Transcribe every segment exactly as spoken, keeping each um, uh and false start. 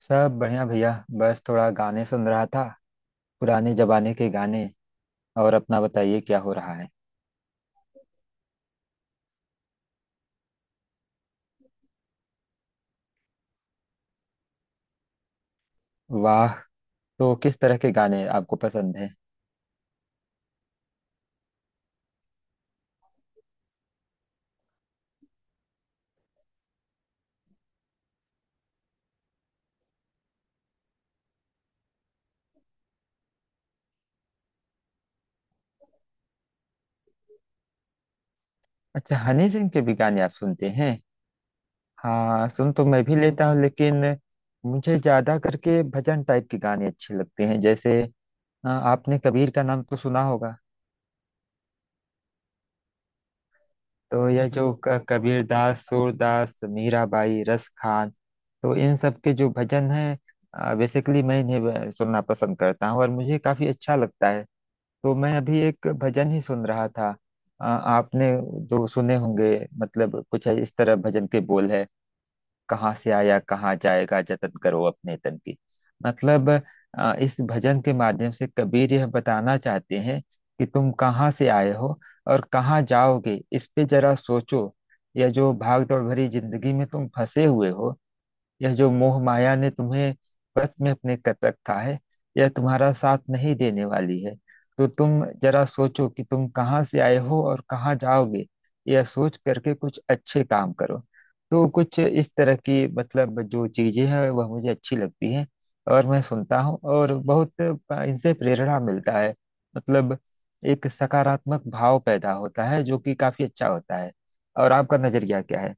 सब बढ़िया भैया। बस थोड़ा गाने सुन रहा था, पुराने जमाने के गाने। और अपना बताइए, क्या हो रहा है। वाह। तो किस तरह के गाने आपको पसंद है। अच्छा, हनी सिंह के भी गाने आप सुनते हैं। हाँ, सुन तो मैं भी लेता हूँ, लेकिन मुझे ज्यादा करके भजन टाइप के गाने अच्छे लगते हैं। जैसे अ, आपने कबीर का नाम तो सुना होगा। तो यह जो क- कबीर दास, सूरदास, मीराबाई, रस खान, तो इन सब के जो भजन हैं, बेसिकली मैं इन्हें ब- सुनना पसंद करता हूँ और मुझे काफी अच्छा लगता है। तो मैं अभी एक भजन ही सुन रहा था। अ, आपने जो सुने होंगे। मतलब कुछ इस तरह भजन के बोल है। कहाँ से आया, कहाँ जाएगा, जतन करो अपने तन की। मतलब अ, इस भजन के माध्यम से कबीर यह बताना चाहते हैं कि तुम कहाँ से आए हो और कहाँ जाओगे, इस पे जरा सोचो। यह जो भाग दौड़ भरी जिंदगी में तुम फंसे हुए हो, यह जो मोह माया ने तुम्हें बस में अपने कर रखा है, यह तुम्हारा साथ नहीं देने वाली है। तो तुम जरा सोचो कि तुम कहाँ से आए हो और कहाँ जाओगे। यह सोच करके कुछ अच्छे काम करो। तो कुछ इस तरह की, मतलब, जो चीजें हैं वह मुझे अच्छी लगती हैं और मैं सुनता हूँ और बहुत इनसे प्रेरणा मिलता है। मतलब एक सकारात्मक भाव पैदा होता है, जो कि काफी अच्छा होता है। और आपका नजरिया क्या है।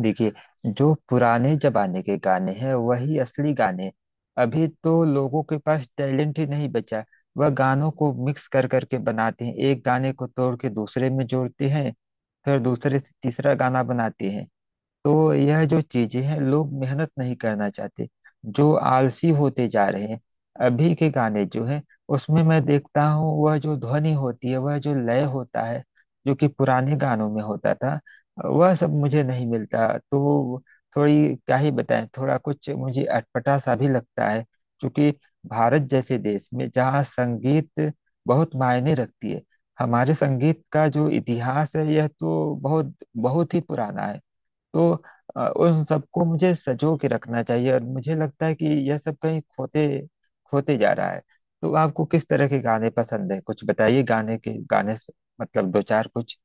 देखिए, जो पुराने जमाने के गाने हैं वही असली गाने हैं। अभी तो लोगों के पास टैलेंट ही नहीं बचा। वह गानों को मिक्स कर करके बनाते हैं, एक गाने को तोड़ के दूसरे में जोड़ते हैं, फिर दूसरे से तीसरा गाना बनाते हैं। तो यह जो चीजें हैं, लोग मेहनत नहीं करना चाहते, जो आलसी होते जा रहे हैं। अभी के गाने जो हैं, उसमें मैं देखता हूँ, वह जो ध्वनि होती है, वह जो लय होता है, जो कि पुराने गानों में होता था, वह सब मुझे नहीं मिलता। तो थोड़ी क्या ही बताएं, थोड़ा कुछ मुझे अटपटा सा भी लगता है। क्योंकि भारत जैसे देश में जहाँ संगीत बहुत मायने रखती है, हमारे संगीत का जो इतिहास है यह तो बहुत बहुत ही पुराना है। तो अ, उन सबको मुझे सजो के रखना चाहिए और मुझे लगता है कि यह सब कहीं खोते खोते जा रहा है। तो आपको किस तरह के गाने पसंद है, कुछ बताइए, गाने के गाने से- मतलब दो चार कुछ।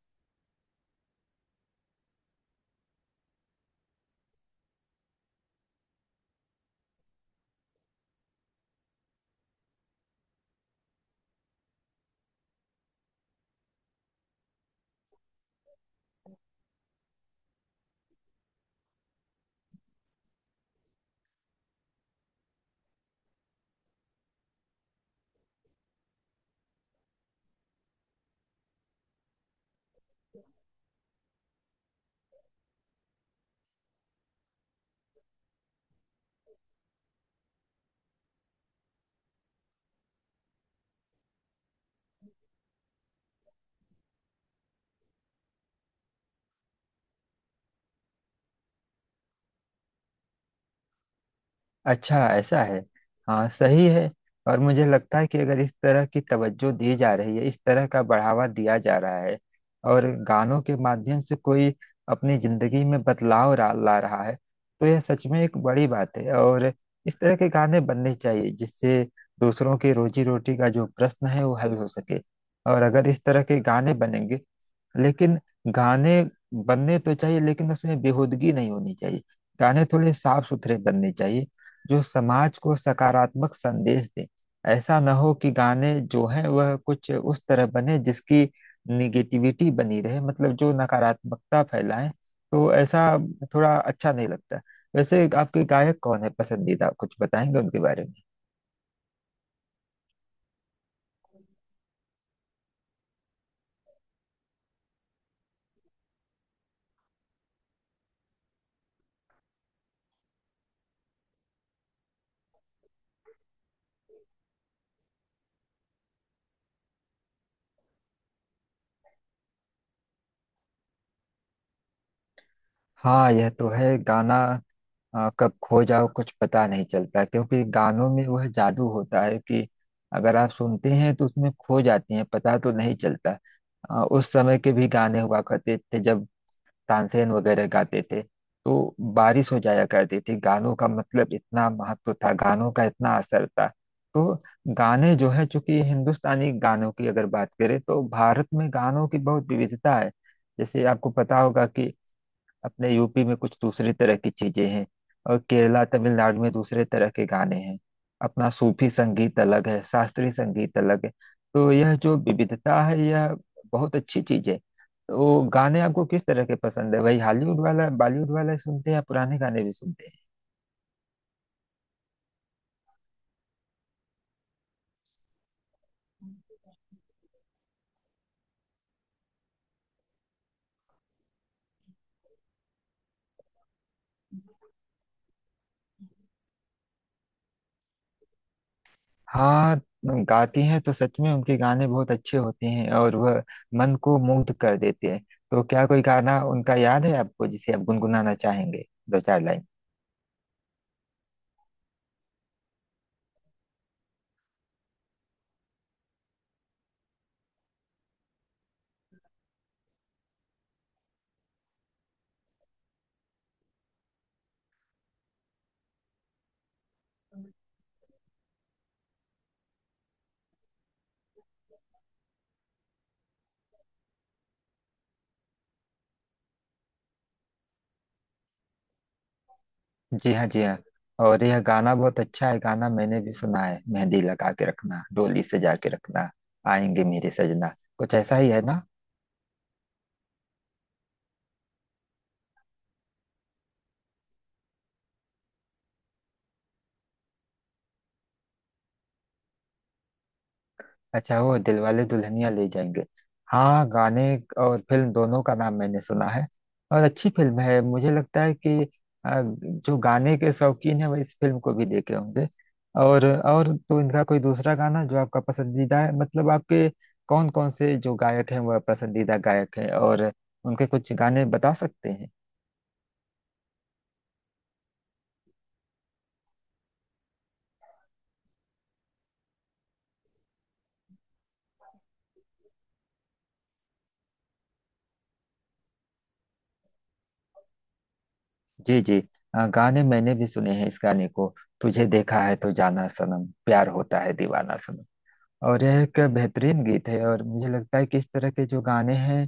अच्छा, ऐसा है। हाँ, सही है। और मुझे लगता है कि अगर इस तरह की तवज्जो दी जा रही है, इस तरह का बढ़ावा दिया जा रहा है, और गानों के माध्यम से कोई अपनी जिंदगी में बदलाव ला ला रहा है, तो यह सच में एक बड़ी बात है। और इस तरह के गाने बनने चाहिए जिससे दूसरों की रोजी रोटी का जो प्रश्न है वो हल हो सके। और अगर इस तरह के गाने बनेंगे, लेकिन गाने बनने तो चाहिए, लेकिन उसमें बेहूदगी नहीं होनी चाहिए। गाने थोड़े साफ सुथरे बनने चाहिए, जो समाज को सकारात्मक संदेश दें। ऐसा ना हो कि गाने जो हैं वह कुछ उस तरह बने जिसकी निगेटिविटी बनी रहे, मतलब जो नकारात्मकता फैलाएं। तो ऐसा थोड़ा अच्छा नहीं लगता। वैसे आपके गायक कौन है पसंदीदा, कुछ बताएंगे उनके बारे में। हाँ, यह तो है, गाना आ, कब खो जाओ कुछ पता नहीं चलता। क्योंकि गानों में वह जादू होता है कि अगर आप सुनते हैं तो उसमें खो जाते हैं, पता तो नहीं चलता। आ, उस समय के भी गाने हुआ करते थे जब तानसेन वगैरह गाते थे, तो बारिश हो जाया करती थी। गानों का, मतलब, इतना महत्व था, गानों का इतना असर था। तो गाने जो है, चूंकि हिंदुस्तानी गानों की अगर बात करें तो भारत में गानों की बहुत विविधता है। जैसे आपको पता होगा कि अपने यू पी में कुछ दूसरी तरह की चीजें हैं, और केरला तमिलनाडु में दूसरे तरह के गाने हैं। अपना सूफी संगीत अलग है, शास्त्रीय संगीत अलग है। तो यह जो विविधता है, यह बहुत अच्छी चीज है। तो गाने आपको किस तरह के पसंद है, वही हॉलीवुड वाला बॉलीवुड वाला ही सुनते हैं या पुराने गाने भी सुनते हैं। हाँ, गाती हैं तो सच में उनके गाने बहुत अच्छे होते हैं, और वह मन को मुग्ध कर देते हैं। तो क्या कोई गाना उनका याद है आपको जिसे आप गुनगुनाना चाहेंगे, दो चार लाइन। जी हाँ, जी हाँ। और यह गाना बहुत अच्छा है, गाना मैंने भी सुना है। मेहंदी लगा के रखना, डोली सजा के रखना, आएंगे मेरे सजना। कुछ ऐसा ही है ना। अच्छा, वो दिलवाले दुल्हनिया ले जाएंगे। हाँ, गाने और फिल्म दोनों का नाम मैंने सुना है। और अच्छी फिल्म है, मुझे लगता है कि अ, जो गाने के शौकीन है वह इस फिल्म को भी देखे होंगे। और और तो इनका कोई दूसरा गाना जो आपका पसंदीदा है, मतलब आपके कौन कौन से जो गायक हैं वह पसंदीदा गायक हैं, और उनके कुछ गाने बता सकते हैं। जी जी, अ, गाने मैंने भी सुने हैं, इस गाने को। तुझे देखा है तो जाना सनम, प्यार होता है दीवाना सनम। और यह एक बेहतरीन गीत है। और मुझे लगता है कि इस तरह के जो गाने हैं,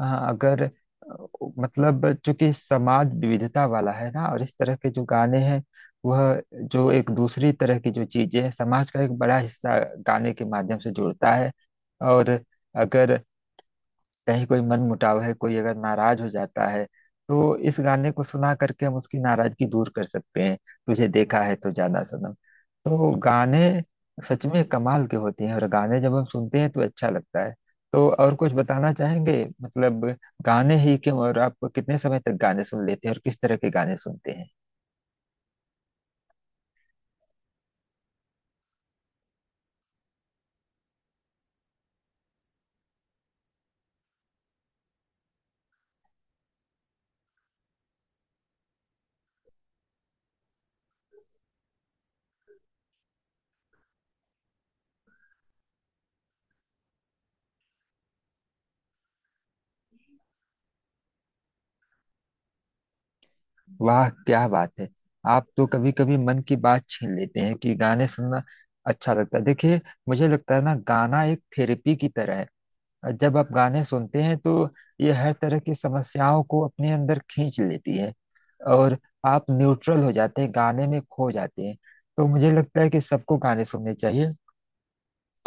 अ, अगर अ, मतलब चूंकि समाज विविधता वाला है ना, और इस तरह के जो गाने हैं, वह जो एक दूसरी तरह की जो चीजें हैं, समाज का एक बड़ा हिस्सा गाने के माध्यम से जुड़ता है। और अगर कहीं कोई मन मुटाव है, कोई अगर नाराज हो जाता है, तो इस गाने को सुना करके हम उसकी नाराजगी दूर कर सकते हैं। तुझे देखा है तो जाना सनम, तो गाने सच में कमाल के होते हैं। और गाने जब हम सुनते हैं तो अच्छा लगता है। तो और कुछ बताना चाहेंगे, मतलब गाने ही क्यों, और आप कितने समय तक गाने सुन लेते हैं, और किस तरह के गाने सुनते हैं। वाह, क्या बात है। आप तो कभी कभी मन की बात छीन लेते हैं कि गाने सुनना अच्छा लगता है। देखिए, मुझे लगता है ना, गाना एक थेरेपी की तरह है। जब आप गाने सुनते हैं तो ये हर तरह की समस्याओं को अपने अंदर खींच लेती है, और आप न्यूट्रल हो जाते हैं, गाने में खो जाते हैं। तो मुझे लगता है कि सबको गाने सुनने चाहिए,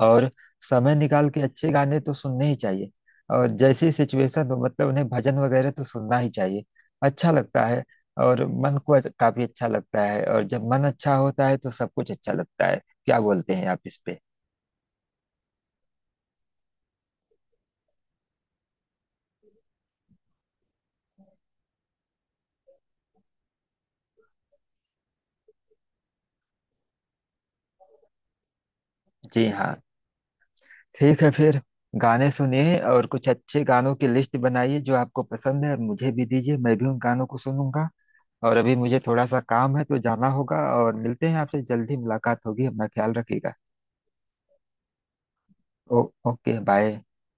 और समय निकाल के अच्छे गाने तो सुनने ही चाहिए। और जैसी सिचुएशन हो, मतलब उन्हें भजन वगैरह तो सुनना ही चाहिए, अच्छा लगता है। और मन को अच्छा- काफी अच्छा लगता है, और जब मन अच्छा होता है तो सब कुछ अच्छा लगता है। क्या बोलते हैं आप इस पे। जी हाँ, ठीक है फिर। गाने सुनिए और कुछ अच्छे गानों की लिस्ट बनाइए जो आपको पसंद है और मुझे भी दीजिए, मैं भी उन गानों को सुनूंगा। और अभी मुझे थोड़ा सा काम है तो जाना होगा। और मिलते हैं आपसे, जल्दी मुलाकात होगी, अपना ख्याल रखिएगा। ओ, ओके, बाय।